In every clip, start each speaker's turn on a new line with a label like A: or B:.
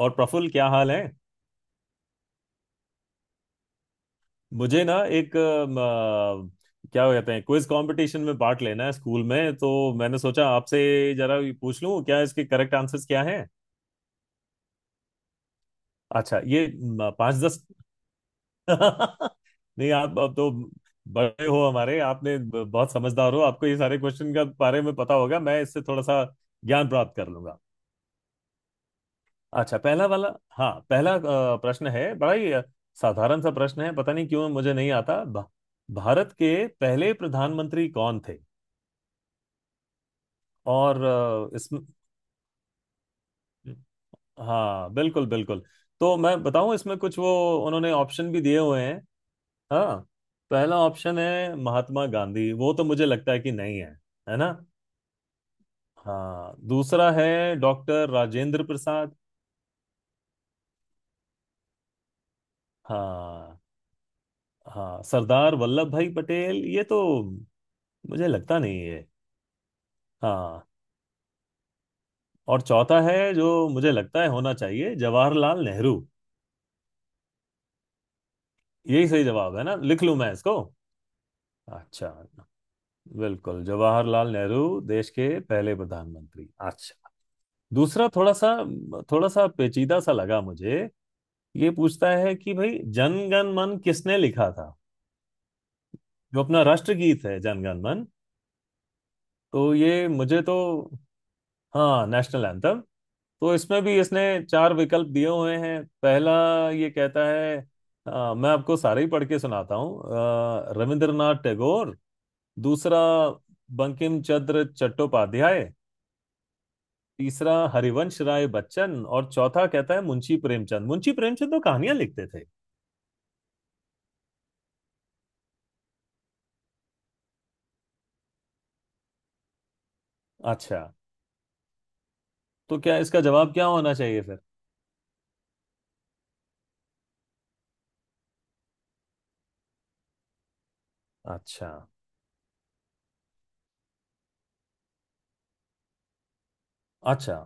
A: और प्रफुल्ल, क्या हाल है। मुझे ना, एक क्या कहते हैं, क्विज कंपटीशन में पार्ट लेना है स्कूल में। तो मैंने सोचा आपसे जरा ये पूछ लूं, क्या इसके करेक्ट आंसर्स क्या हैं। अच्छा, ये पाँच 10। नहीं, आप अब तो बड़े हो हमारे, आपने बहुत समझदार हो, आपको ये सारे क्वेश्चन का बारे में पता होगा, मैं इससे थोड़ा सा ज्ञान प्राप्त कर लूंगा। अच्छा, पहला वाला। हाँ, पहला प्रश्न है, बड़ा ही साधारण सा प्रश्न है, पता नहीं क्यों मुझे नहीं आता। भारत के पहले प्रधानमंत्री कौन थे। और इसमें। हाँ, बिल्कुल बिल्कुल। तो मैं बताऊं, इसमें कुछ वो उन्होंने ऑप्शन भी दिए हुए हैं। हाँ, पहला ऑप्शन है महात्मा गांधी, वो तो मुझे लगता है कि नहीं है, है ना। हाँ, दूसरा है डॉक्टर राजेंद्र प्रसाद। हाँ हाँ, सरदार वल्लभ भाई पटेल, ये तो मुझे लगता नहीं है। हाँ, और चौथा है जो मुझे लगता है होना चाहिए, जवाहरलाल नेहरू। यही सही जवाब है ना, लिख लूं मैं इसको। अच्छा, बिल्कुल जवाहरलाल नेहरू, देश के पहले प्रधानमंत्री। अच्छा। दूसरा थोड़ा सा, थोड़ा सा पेचीदा सा लगा मुझे। ये पूछता है कि भाई, जन गण मन किसने लिखा था, जो अपना राष्ट्रगीत है, जन गण मन। तो ये मुझे तो, हाँ, नेशनल एंथम। तो इसमें भी इसने चार विकल्प दिए हुए हैं। पहला ये कहता है, मैं आपको सारे ही पढ़ के सुनाता हूँ, रविंद्रनाथ टैगोर। दूसरा, बंकिम चंद्र चट्टोपाध्याय। तीसरा, हरिवंश राय बच्चन, और चौथा कहता है मुंशी प्रेमचंद। मुंशी प्रेमचंद तो कहानियां लिखते थे। अच्छा, तो क्या, इसका जवाब क्या होना चाहिए फिर। अच्छा अच्छा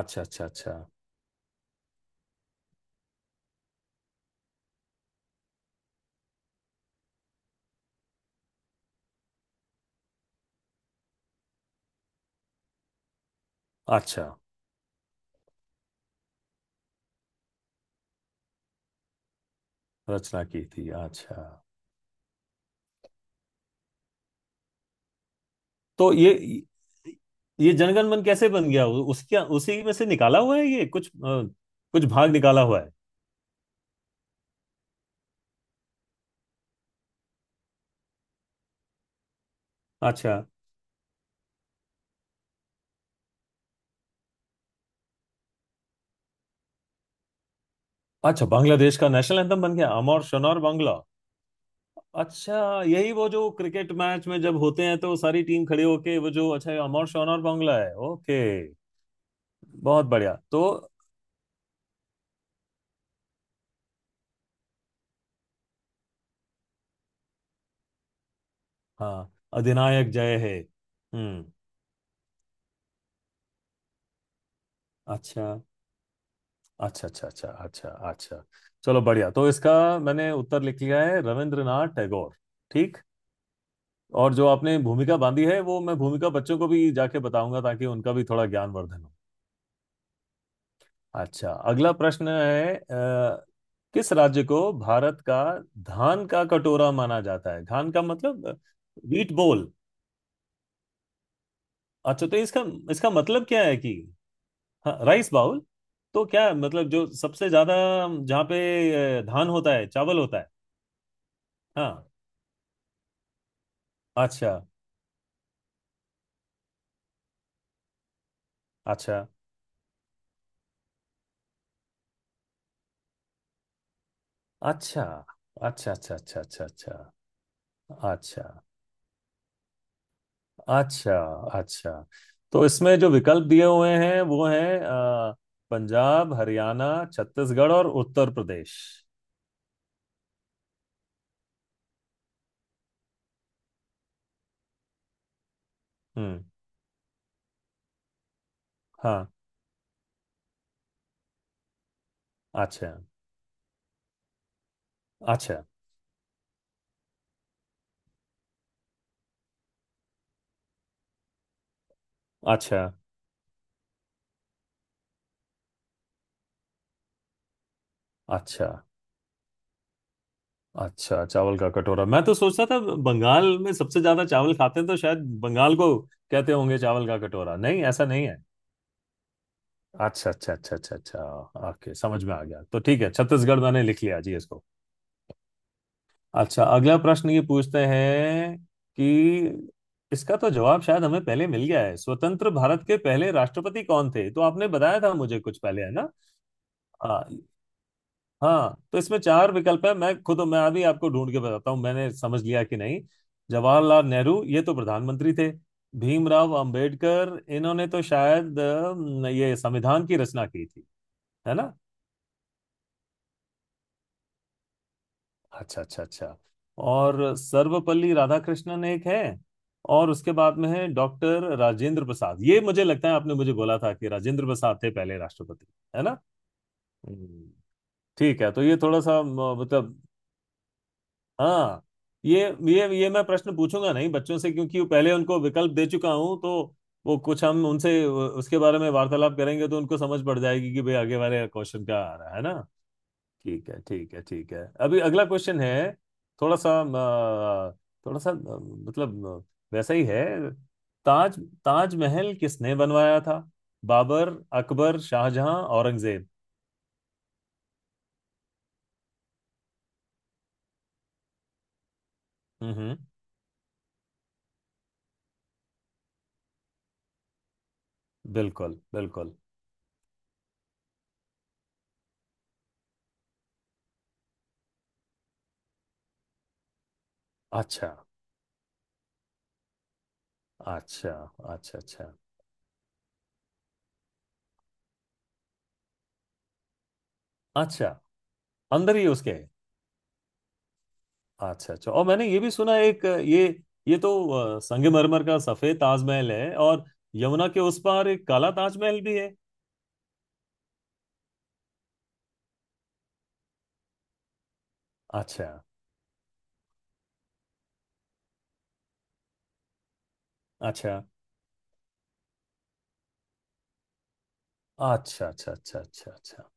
A: अच्छा अच्छा अच्छा अच्छा, रचना की थी। अच्छा, तो ये जनगण मन कैसे बन गया, उसके उसी में से निकाला हुआ है ये, कुछ कुछ भाग निकाला हुआ है। अच्छा अच्छा, बांग्लादेश का नेशनल एंथम बन गया अमर शनौर बांग्ला। अच्छा, यही वो जो क्रिकेट मैच में जब होते हैं तो सारी टीम खड़ी होके वो जो, अच्छा ये अमर शनौर बांग्ला है, ओके। बहुत बढ़िया तो, हाँ, अधिनायक जय हे। हम्म। अच्छा अच्छा अच्छा अच्छा अच्छा अच्छा, चलो बढ़िया तो इसका मैंने उत्तर लिख लिया है, रविंद्रनाथ टैगोर। ठीक। और जो आपने भूमिका बांधी है वो मैं भूमिका बच्चों को भी जाके बताऊंगा ताकि उनका भी थोड़ा ज्ञानवर्धन हो। अच्छा, अगला प्रश्न है। किस राज्य को भारत का धान का कटोरा माना जाता है, धान का मतलब वीट बोल। अच्छा, तो इसका, मतलब क्या है कि, हाँ, राइस बाउल। तो क्या है? मतलब जो सबसे ज्यादा, जहाँ पे धान होता है, चावल होता है। हाँ। अच्छा अच्छा अच्छा अच्छा अच्छा अच्छा अच्छा अच्छा अच्छा अच्छा अच्छा। तो इसमें जो विकल्प दिए हुए हैं वो हैं, पंजाब, हरियाणा, छत्तीसगढ़ और उत्तर प्रदेश। हम्म। हाँ। अच्छा अच्छा अच्छा अच्छा अच्छा, चावल का कटोरा मैं तो सोचता था बंगाल में सबसे ज्यादा चावल खाते हैं, तो शायद बंगाल को कहते होंगे चावल का कटोरा, नहीं ऐसा नहीं है। अच्छा अच्छा अच्छा अच्छा अच्छा, ओके समझ में आ गया, तो ठीक है, छत्तीसगढ़ मैंने लिख लिया जी इसको। अच्छा, अगला प्रश्न ये पूछते हैं कि, इसका तो जवाब शायद हमें पहले मिल गया है, स्वतंत्र भारत के पहले राष्ट्रपति कौन थे, तो आपने बताया था मुझे कुछ पहले, है ना। हाँ हाँ, तो इसमें चार विकल्प है, मैं खुद मैं अभी आपको ढूंढ के बताता हूँ, मैंने समझ लिया कि नहीं। जवाहरलाल नेहरू, ये तो प्रधानमंत्री थे। भीमराव अंबेडकर, इन्होंने तो शायद ये संविधान की रचना की थी, है ना। अच्छा अच्छा अच्छा। और सर्वपल्ली राधाकृष्णन एक है, और उसके बाद में है डॉक्टर राजेंद्र प्रसाद। ये मुझे लगता है आपने मुझे बोला था कि राजेंद्र प्रसाद थे पहले राष्ट्रपति, है ना। हम्म। ठीक है, तो ये थोड़ा सा, मतलब, हाँ। ये ये मैं प्रश्न पूछूंगा नहीं बच्चों से क्योंकि वो पहले उनको विकल्प दे चुका हूं, तो वो कुछ, हम उनसे उसके बारे में वार्तालाप करेंगे तो उनको समझ पड़ जाएगी कि भाई आगे वाले क्वेश्चन क्या आ रहा है ना। ठीक है ठीक है ठीक है। अभी अगला क्वेश्चन है, थोड़ा सा थोड़ा सा मतलब वैसा ही है। ताज ताजमहल किसने बनवाया था, बाबर, अकबर, शाहजहां, औरंगजेब। हम्म हम्म, बिल्कुल बिल्कुल। अच्छा अच्छा अच्छा अच्छा अच्छा, अंदर ही उसके। अच्छा अच्छा, और मैंने ये भी सुना एक, ये तो संगमरमर का सफेद ताजमहल है, और यमुना के उस पार एक काला ताजमहल भी है। अच्छा अच्छा अच्छा अच्छा अच्छा अच्छा अच्छा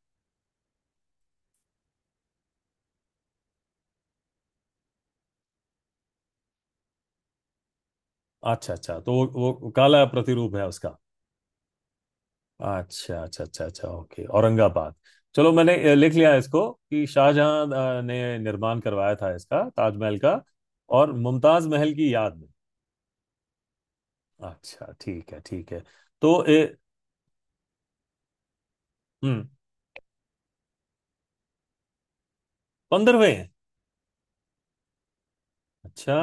A: अच्छा अच्छा, तो वो काला प्रतिरूप है उसका। अच्छा अच्छा अच्छा अच्छा, ओके, औरंगाबाद। चलो, मैंने लिख लिया इसको कि शाहजहां ने निर्माण करवाया था इसका, ताजमहल का, और मुमताज महल की याद में। अच्छा ठीक है ठीक है। तो हम्म। 15वें हैं। अच्छा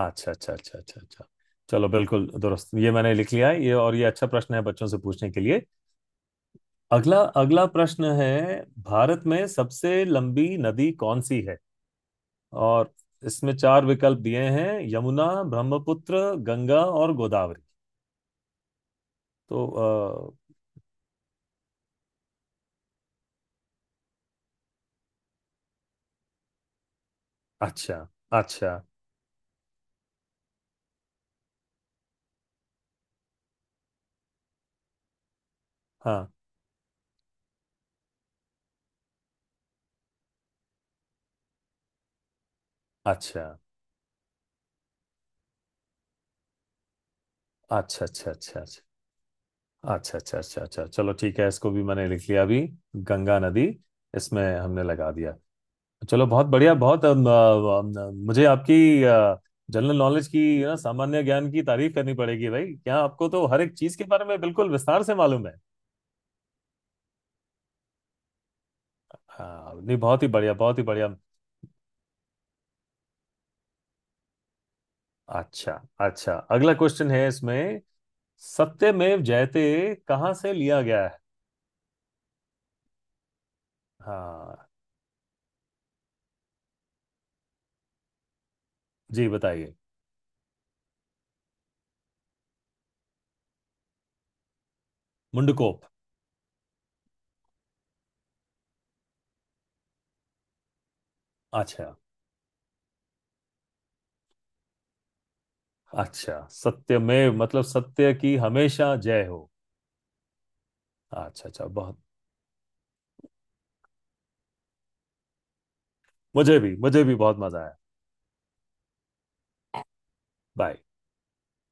A: अच्छा अच्छा अच्छा अच्छा अच्छा, चलो बिल्कुल दुरुस्त, ये मैंने लिख लिया है ये, और ये अच्छा प्रश्न है बच्चों से पूछने के लिए। अगला अगला प्रश्न है, भारत में सबसे लंबी नदी कौन सी है। और इसमें चार विकल्प दिए हैं, यमुना, ब्रह्मपुत्र, गंगा और गोदावरी। तो अच्छा। अच्छा हाँ। अच्छा अच्छा अच्छा अच्छा अच्छा अच्छा अच्छा अच्छा अच्छा, चलो ठीक है, इसको भी मैंने लिख लिया अभी, गंगा नदी इसमें हमने लगा दिया। चलो बहुत बढ़िया। बहुत अम, अम, अम, मुझे आपकी जनरल नॉलेज की ना, सामान्य ज्ञान की तारीफ करनी पड़ेगी भाई, क्या आपको तो हर एक चीज के बारे में बिल्कुल विस्तार से मालूम है। हाँ नहीं, बहुत ही बढ़िया, बहुत ही बढ़िया। अच्छा अच्छा, अगला क्वेश्चन है इसमें, सत्यमेव जयते कहाँ से लिया गया है। हाँ, जी बताइए। मुंडकोप। अच्छा, अच्छा सत्यमेव मतलब सत्य की हमेशा जय हो। अच्छा अच्छा, बहुत, मुझे भी बहुत मजा आया। बाय।